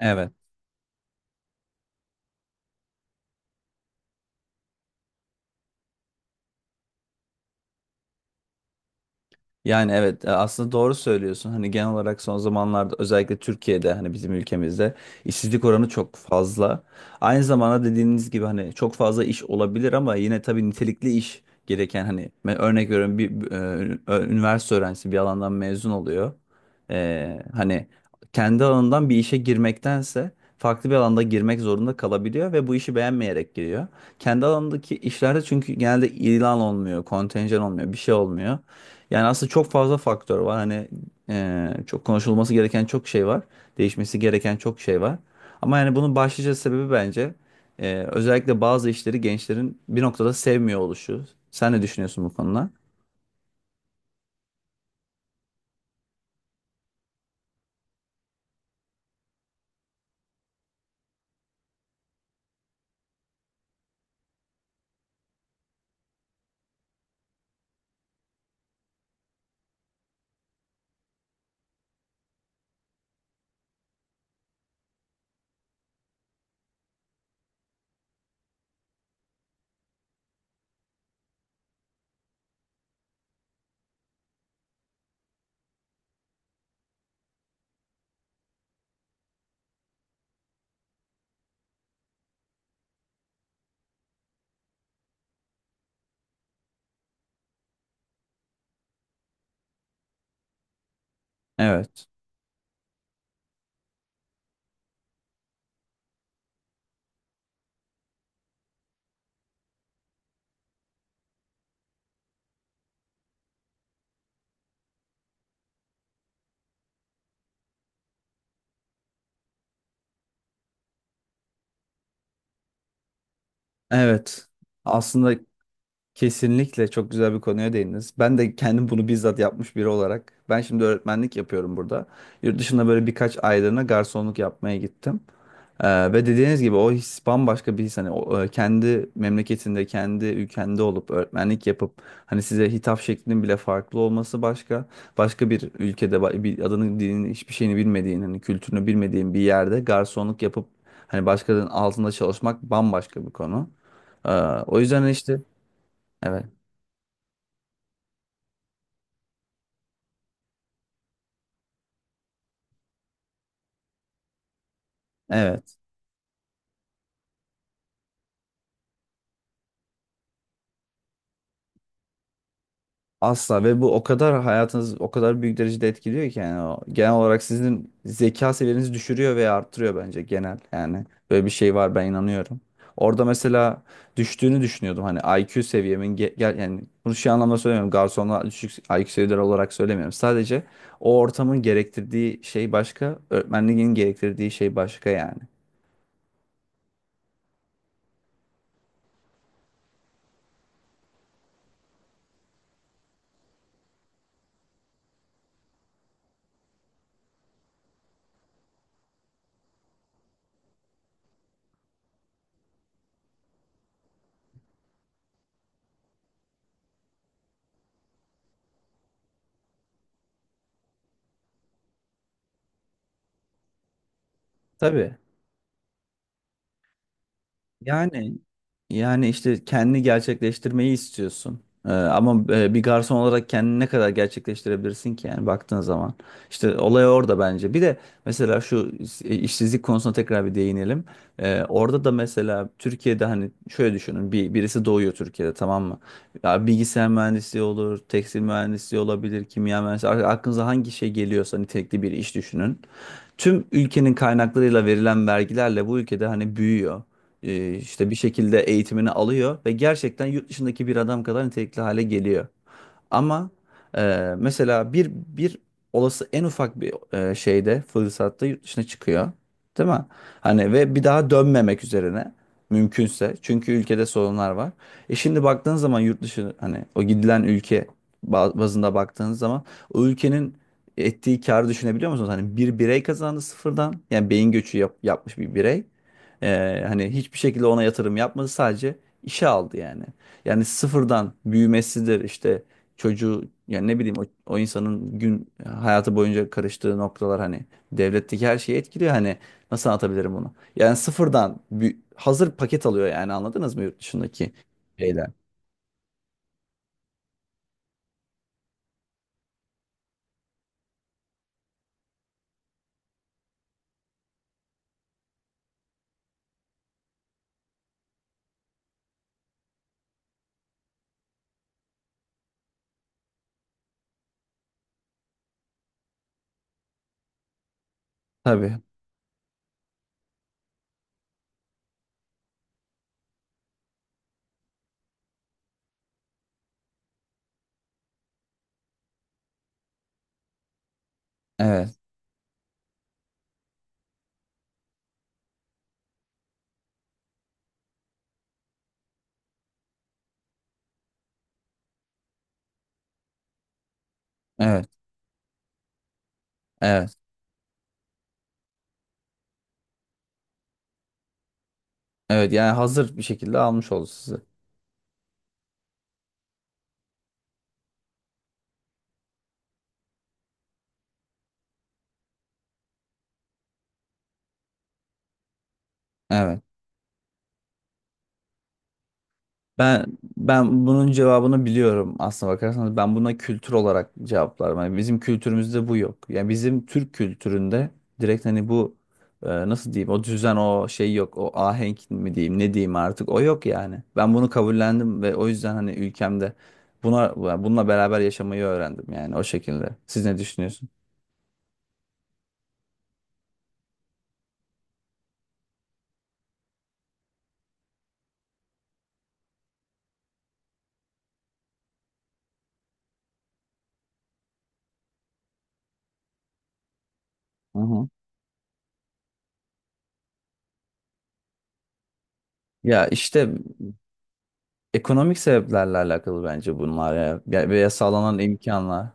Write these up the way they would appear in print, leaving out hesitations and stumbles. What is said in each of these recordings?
Evet. Yani evet, aslında doğru söylüyorsun. Hani genel olarak son zamanlarda özellikle Türkiye'de hani bizim ülkemizde işsizlik oranı çok fazla. Aynı zamanda dediğiniz gibi hani çok fazla iş olabilir ama yine tabii nitelikli iş gereken hani ben örnek veriyorum bir üniversite öğrencisi bir alandan mezun oluyor. Hani kendi alanından bir işe girmektense farklı bir alanda girmek zorunda kalabiliyor ve bu işi beğenmeyerek giriyor. Kendi alanındaki işlerde çünkü genelde ilan olmuyor, kontenjan olmuyor, bir şey olmuyor. Yani aslında çok fazla faktör var. Hani çok konuşulması gereken çok şey var. Değişmesi gereken çok şey var. Ama yani bunun başlıca sebebi bence özellikle bazı işleri gençlerin bir noktada sevmiyor oluşu. Sen ne düşünüyorsun bu konuda? Evet. Evet. Aslında. Kesinlikle çok güzel bir konuya değindiniz. Ben de kendim bunu bizzat yapmış biri olarak. Ben şimdi öğretmenlik yapıyorum burada. Yurt dışında böyle birkaç aylığına garsonluk yapmaya gittim. Ve dediğiniz gibi o his bambaşka bir his. Hani o, kendi memleketinde, kendi ülkende olup öğretmenlik yapıp hani size hitap şeklinin bile farklı olması başka. Başka bir ülkede bir adını, dilini, hiçbir şeyini bilmediğin, hani kültürünü bilmediğin bir yerde garsonluk yapıp hani başkalarının altında çalışmak bambaşka bir konu. Ee, o yüzden işte evet. Evet. Asla, ve bu o kadar hayatınız o kadar büyük derecede etkiliyor ki yani o genel olarak sizin zeka seviyenizi düşürüyor veya arttırıyor bence genel yani böyle bir şey var, ben inanıyorum. Orada mesela düştüğünü düşünüyordum hani IQ seviyemin gel yani bunu şu anlamda söylemiyorum, garsonla düşük IQ seviyeleri olarak söylemiyorum. Sadece o ortamın gerektirdiği şey başka, öğretmenliğin gerektirdiği şey başka yani. Tabii. Yani yani işte kendini gerçekleştirmeyi istiyorsun. Ama bir garson olarak kendini ne kadar gerçekleştirebilirsin ki yani baktığın zaman. İşte olay orada bence. Bir de mesela şu işsizlik konusuna tekrar bir değinelim. Orada da mesela Türkiye'de hani şöyle düşünün. Birisi doğuyor Türkiye'de, tamam mı? Ya bilgisayar mühendisliği olur, tekstil mühendisliği olabilir, kimya mühendisliği. Aklınıza hangi şey geliyorsa nitelikli bir iş düşünün. Tüm ülkenin kaynaklarıyla verilen vergilerle bu ülkede hani büyüyor, işte bir şekilde eğitimini alıyor ve gerçekten yurt dışındaki bir adam kadar nitelikli hale geliyor. Ama mesela bir olası en ufak bir e, şeyde fırsatta yurt dışına çıkıyor. Değil mi? Hani ve bir daha dönmemek üzerine mümkünse. Çünkü ülkede sorunlar var. Şimdi baktığın zaman yurt dışı hani o gidilen ülke bazında baktığın zaman o ülkenin ettiği karı düşünebiliyor musunuz? Hani bir birey kazandı sıfırdan. Yani beyin göçü yapmış bir birey. Hani hiçbir şekilde ona yatırım yapmadı. Sadece işe aldı yani. Yani sıfırdan büyümesidir işte çocuğu, yani ne bileyim o insanın gün hayatı boyunca karıştığı noktalar hani devletteki her şeyi etkiliyor, hani nasıl anlatabilirim bunu? Yani sıfırdan hazır paket alıyor yani, anladınız mı yurt dışındaki şeyler? Tabii. Evet. Evet. Evet. Evet. Yani hazır bir şekilde almış oldu sizi. Evet. Ben ben bunun cevabını biliyorum, aslına bakarsanız ben buna kültür olarak cevaplarım. Yani bizim kültürümüzde bu yok. Yani bizim Türk kültüründe direkt hani bu nasıl diyeyim o düzen o şey yok. O ahenk mi diyeyim ne diyeyim artık, o yok yani. Ben bunu kabullendim ve o yüzden hani ülkemde buna, yani bununla beraber yaşamayı öğrendim, yani o şekilde. Siz ne düşünüyorsunuz? Hı hı. Ya işte ekonomik sebeplerle alakalı bence bunlar ya. Veya sağlanan imkanlar.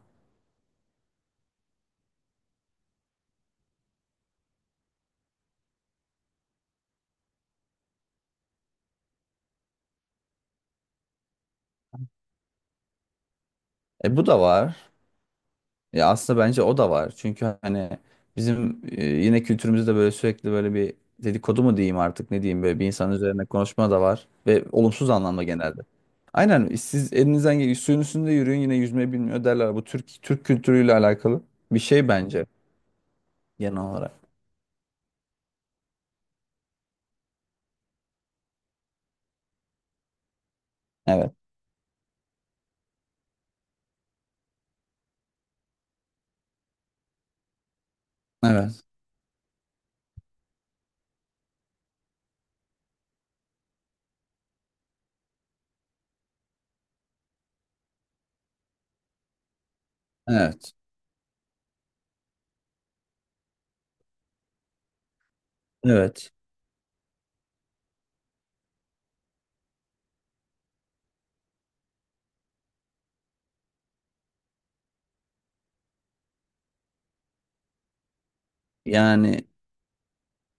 Bu da var. Ya aslında bence o da var. Çünkü hani bizim yine kültürümüzde böyle sürekli böyle bir dedikodu mu diyeyim artık ne diyeyim, böyle bir insan üzerine konuşma da var ve olumsuz anlamda genelde. Aynen, siz elinizden gel suyun üstünde yürüyün, yine yüzme bilmiyor derler. Bu Türk kültürüyle alakalı bir şey bence genel olarak. Evet. Evet. Evet. Evet. Yani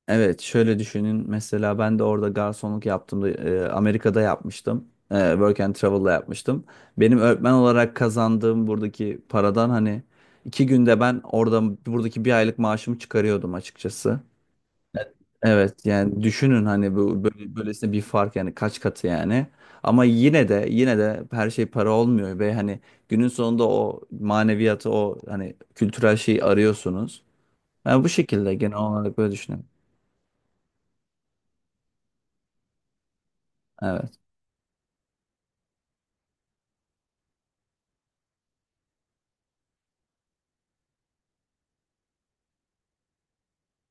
evet, şöyle düşünün. Mesela ben de orada garsonluk yaptığımda Amerika'da yapmıştım. Work and Travel'la yapmıştım. Benim öğretmen olarak kazandığım buradaki paradan hani 2 günde ben orada buradaki bir aylık maaşımı çıkarıyordum açıkçası. Evet yani düşünün hani bu böyle, böylesine bir fark, yani kaç katı yani. Ama yine de yine de her şey para olmuyor ve hani günün sonunda o maneviyatı, o hani kültürel şeyi arıyorsunuz. Yani bu şekilde genel olarak böyle düşünüyorum. Evet.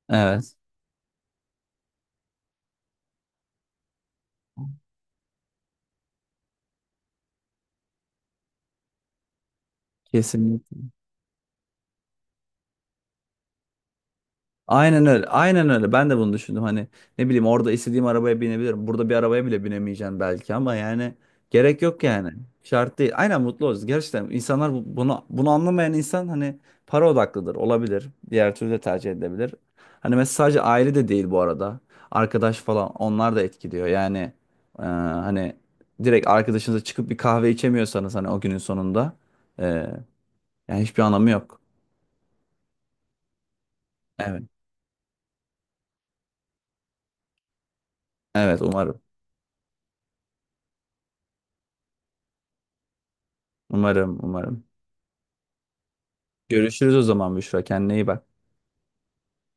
Evet. Kesinlikle. Aynen öyle. Aynen öyle. Ben de bunu düşündüm. Hani ne bileyim, orada istediğim arabaya binebilirim. Burada bir arabaya bile binemeyeceğim belki, ama yani gerek yok yani. Şart değil. Aynen, mutlu olacağız. Gerçekten insanlar bunu anlamayan insan hani para odaklıdır. Olabilir. Diğer türlü de tercih edebilir. Hani mesela sadece aile de değil bu arada. Arkadaş falan, onlar da etkiliyor. Yani hani direkt arkadaşınızla çıkıp bir kahve içemiyorsanız hani o günün sonunda e, yani hiçbir anlamı yok. Evet. Evet umarım. Umarım, umarım. Görüşürüz o zaman Büşra. Kendine iyi bak.